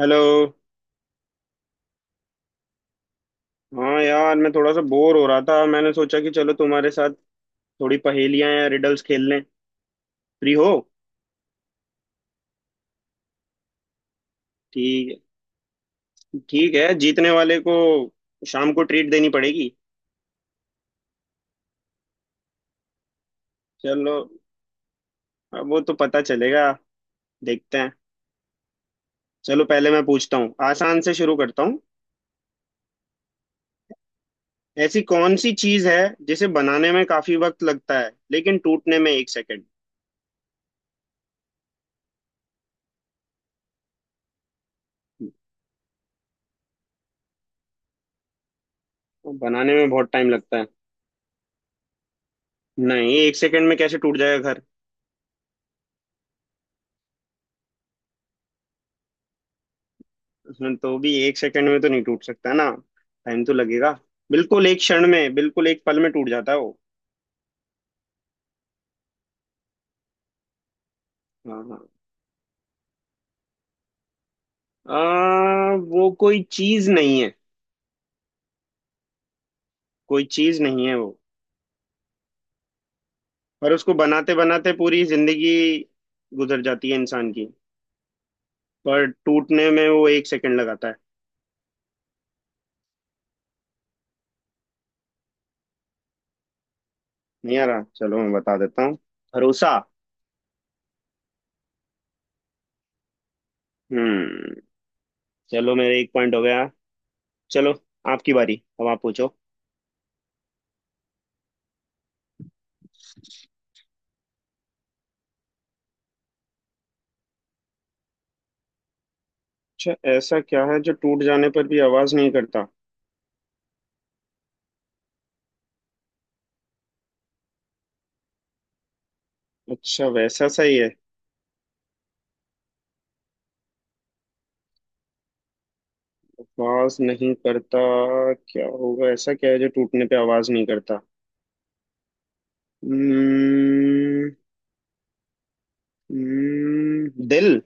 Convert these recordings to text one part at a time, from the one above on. Hello. हाँ यार, मैं थोड़ा सा बोर हो रहा था। मैंने सोचा कि चलो तुम्हारे साथ थोड़ी पहेलियां या रिडल्स खेल लें। फ्री हो? ठीक है, ठीक है। जीतने वाले को शाम को ट्रीट देनी पड़ेगी। चलो, अब वो तो पता चलेगा, देखते हैं। चलो, पहले मैं पूछता हूँ, आसान से शुरू करता हूँ। ऐसी कौन सी चीज है जिसे बनाने में काफी वक्त लगता है, लेकिन टूटने में एक सेकंड? बनाने में बहुत टाइम लगता है। नहीं, एक सेकंड में कैसे टूट जाएगा? उसमें तो भी एक सेकंड में तो नहीं टूट सकता ना, टाइम तो लगेगा। बिल्कुल एक क्षण में, बिल्कुल एक पल में टूट जाता है वो। हाँ, हाँ। वो कोई चीज नहीं है। कोई चीज नहीं है वो। पर उसको बनाते बनाते पूरी जिंदगी गुजर जाती है इंसान की, पर टूटने में वो एक सेकंड लगाता है। नहीं आ रहा? चलो मैं बता देता हूँ। भरोसा। हम्म। चलो, मेरे एक पॉइंट हो गया। चलो, आपकी बारी, अब आप पूछो। अच्छा, ऐसा क्या है जो टूट जाने पर भी आवाज नहीं करता? अच्छा, वैसा सही है। आवाज नहीं करता। क्या होगा? ऐसा क्या है जो टूटने पे आवाज नहीं करता? हम्म, दिल।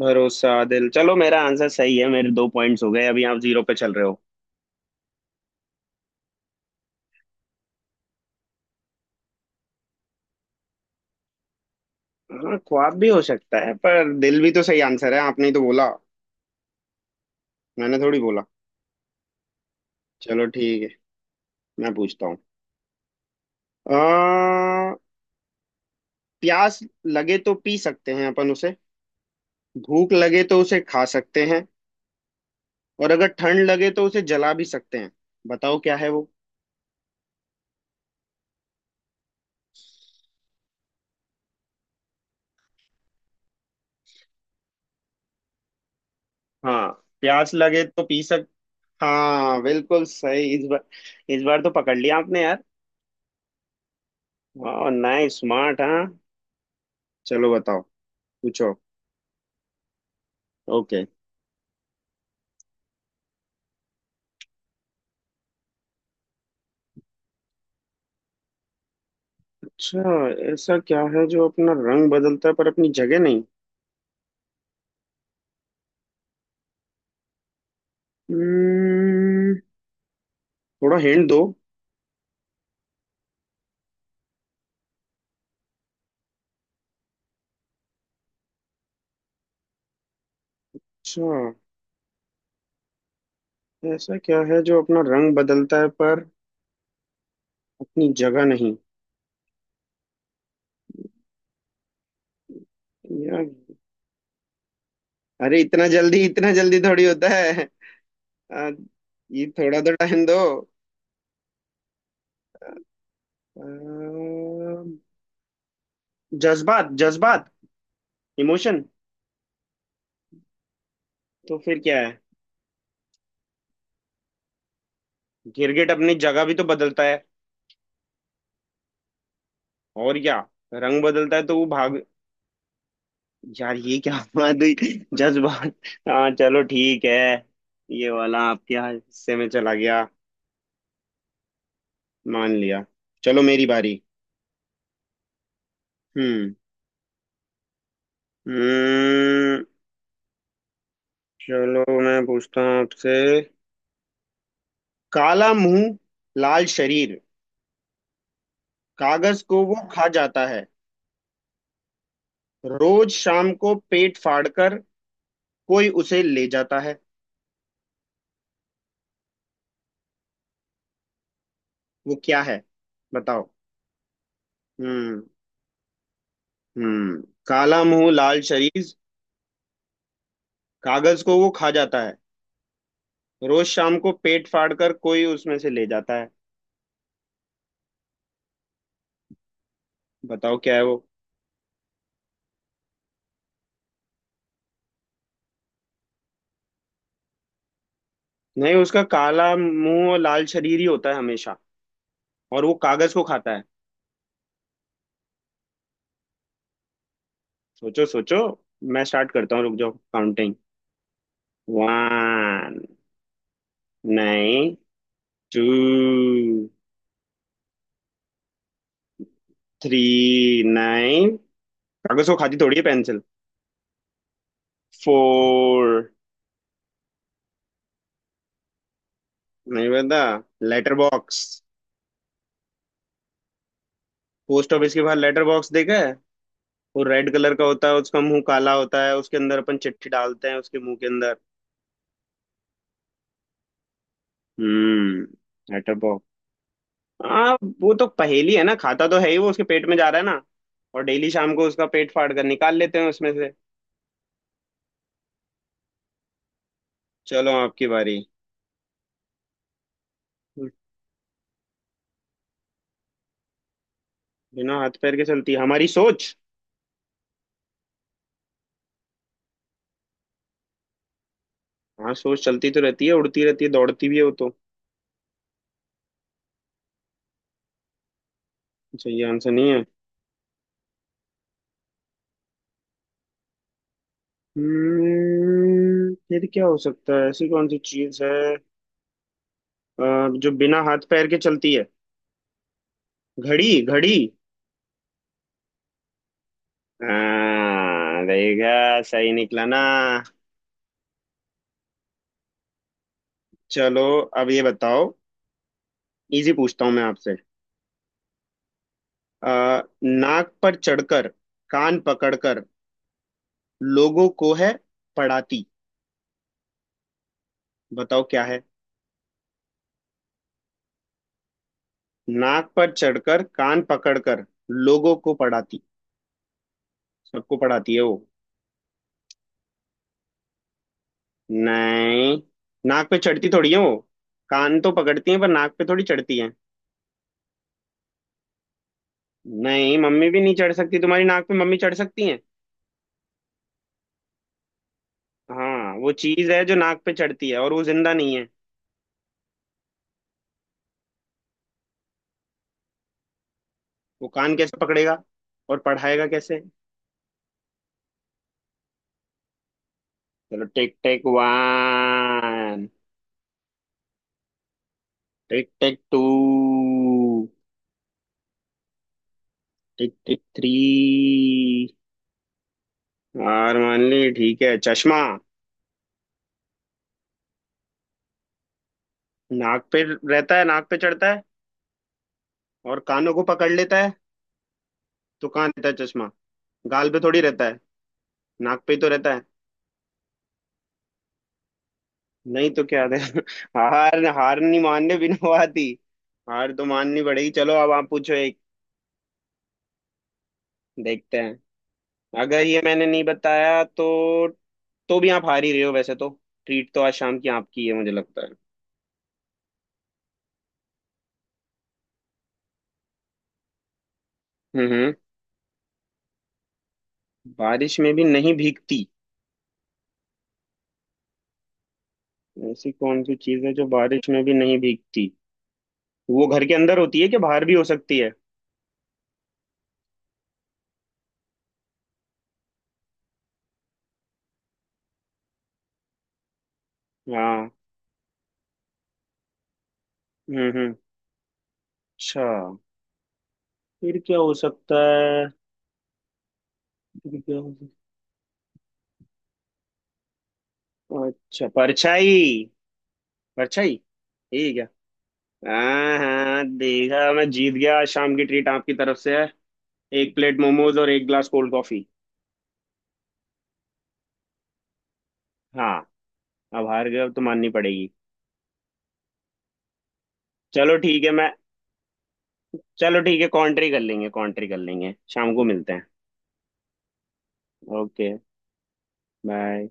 भरोसा, दिल। चलो, मेरा आंसर सही है, मेरे दो पॉइंट्स हो गए, अभी आप जीरो पे चल रहे हो। हाँ, ख्वाब भी हो सकता है, पर दिल भी तो सही आंसर है, आपने ही तो बोला। मैंने थोड़ी बोला। चलो ठीक है, मैं पूछता हूँ। अ, प्यास लगे तो पी सकते हैं अपन उसे, भूख लगे तो उसे खा सकते हैं, और अगर ठंड लगे तो उसे जला भी सकते हैं। बताओ क्या है वो? हाँ, प्यास लगे तो पी सक। हाँ, बिल्कुल सही इस बार। इस बार तो पकड़ लिया आपने यार। वाह, नाइस, स्मार्ट। हाँ, चलो बताओ। पूछो। ओके। अच्छा, ऐसा क्या है जो अपना रंग बदलता है पर अपनी जगह नहीं? हम्म, थोड़ा हिंट दो। अच्छा, ऐसा क्या है जो अपना रंग बदलता है पर अपनी जगह नहीं? यार, अरे इतना जल्दी, इतना जल्दी थोड़ी होता है। आ, ये थोड़ा तो टाइम दो। अम्म, जज्बात, जज्बात, इमोशन। तो फिर क्या है? गिरगिट अपनी जगह भी तो बदलता है। और क्या? रंग बदलता है तो वो भाग। यार ये क्या बात हुई? जज्बात। हाँ चलो ठीक है, ये वाला आपके यहाँ हिस्से में चला गया, मान लिया। चलो मेरी बारी। हम्म, हम्म। चलो मैं पूछता हूँ आपसे। काला मुंह, लाल शरीर, कागज को वो खा जाता है, रोज शाम को पेट फाड़कर कोई उसे ले जाता है। वो क्या है? बताओ। हम्म, हम्म। काला मुंह, लाल शरीर, कागज को वो खा जाता है, रोज शाम को पेट फाड़ कर कोई उसमें से ले जाता है। बताओ क्या है वो? नहीं, उसका काला मुंह और लाल शरीर ही होता है हमेशा, और वो कागज को खाता है। सोचो, सोचो। मैं स्टार्ट करता हूँ, रुक जाओ, counting. One, nine, two, three, nine. कागज को खाती थोड़ी है पेंसिल। फोर। नहीं पता? Letter box. पोस्ट ऑफिस के बाहर लेटर बॉक्स देखा? वो रेड कलर का होता है, उसका मुंह काला होता है, उसके अंदर अपन चिट्ठी डालते हैं, उसके मुंह के अंदर। हम्म। Letter box. हाँ, वो तो पहेली है ना, खाता तो है ही, वो उसके पेट में जा रहा है ना, और डेली शाम को उसका पेट फाड़ कर निकाल लेते हैं उसमें से। चलो, आपकी बारी। बिना हाथ पैर के चलती है हमारी सोच। हाँ, सोच चलती तो रहती है, उड़ती रहती है, दौड़ती भी है वो तो। अच्छा, ये आंसर नहीं है। हम्म, फिर क्या हो सकता है? ऐसी कौन सी चीज है, अ, जो बिना हाथ पैर के चलती है? घड़ी, घड़ी। हाँ, देखा, सही निकला ना। चलो अब ये बताओ, इजी पूछता हूँ मैं आपसे। नाक पर चढ़कर, कान पकड़कर, लोगों को है पढ़ाती। बताओ क्या है? नाक पर चढ़कर, कान पकड़कर लोगों को पढ़ाती, सबको पढ़ाती है वो। नहीं, नाक पे चढ़ती थोड़ी है वो। कान तो पकड़ती है, पर नाक पे थोड़ी चढ़ती है। नहीं, मम्मी भी नहीं चढ़ सकती तुम्हारी नाक पे। मम्मी चढ़ सकती है? हाँ, वो चीज है जो नाक पे चढ़ती है और वो जिंदा नहीं है। वो कान कैसे पकड़ेगा और पढ़ाएगा कैसे? चलो, tick tick one, tick tick two, tick tick three. हार मान ली? ठीक है, चश्मा। नाक पे रहता है, नाक पे चढ़ता है, और कानों को पकड़ लेता है। तो कहाँ रहता है चश्मा? गाल पे थोड़ी रहता है, नाक पे ही तो रहता है। नहीं तो क्या दे हार, हार नहीं मानने, बिना बात ही। हार तो माननी पड़ेगी। चलो, अब आप पूछो एक, देखते हैं। अगर ये मैंने नहीं बताया तो भी आप हार ही रहे हो वैसे तो। ट्रीट तो आज शाम की आपकी है मुझे लगता है। हम्म, बारिश में भी नहीं भीगती। ऐसी कौन सी चीज है जो बारिश में भी नहीं भीगती? वो घर के अंदर होती है कि बाहर भी हो सकती है? हाँ। हम्म, हम्म। अच्छा, फिर क्या हो सकता है? फिर क्या हो सकता? अच्छा, परछाई। परछाई, ठीक है। हाँ, हाँ, देखा, मैं जीत गया। आज शाम की ट्रीट आपकी तरफ से है। एक प्लेट मोमोज और एक ग्लास कोल्ड कॉफी। हाँ, अब हार गए, अब तो माननी पड़ेगी। चलो ठीक है, मैं। चलो ठीक है, कॉन्ट्री कर लेंगे, कॉन्ट्री कर लेंगे, शाम को मिलते हैं। Okay, bye.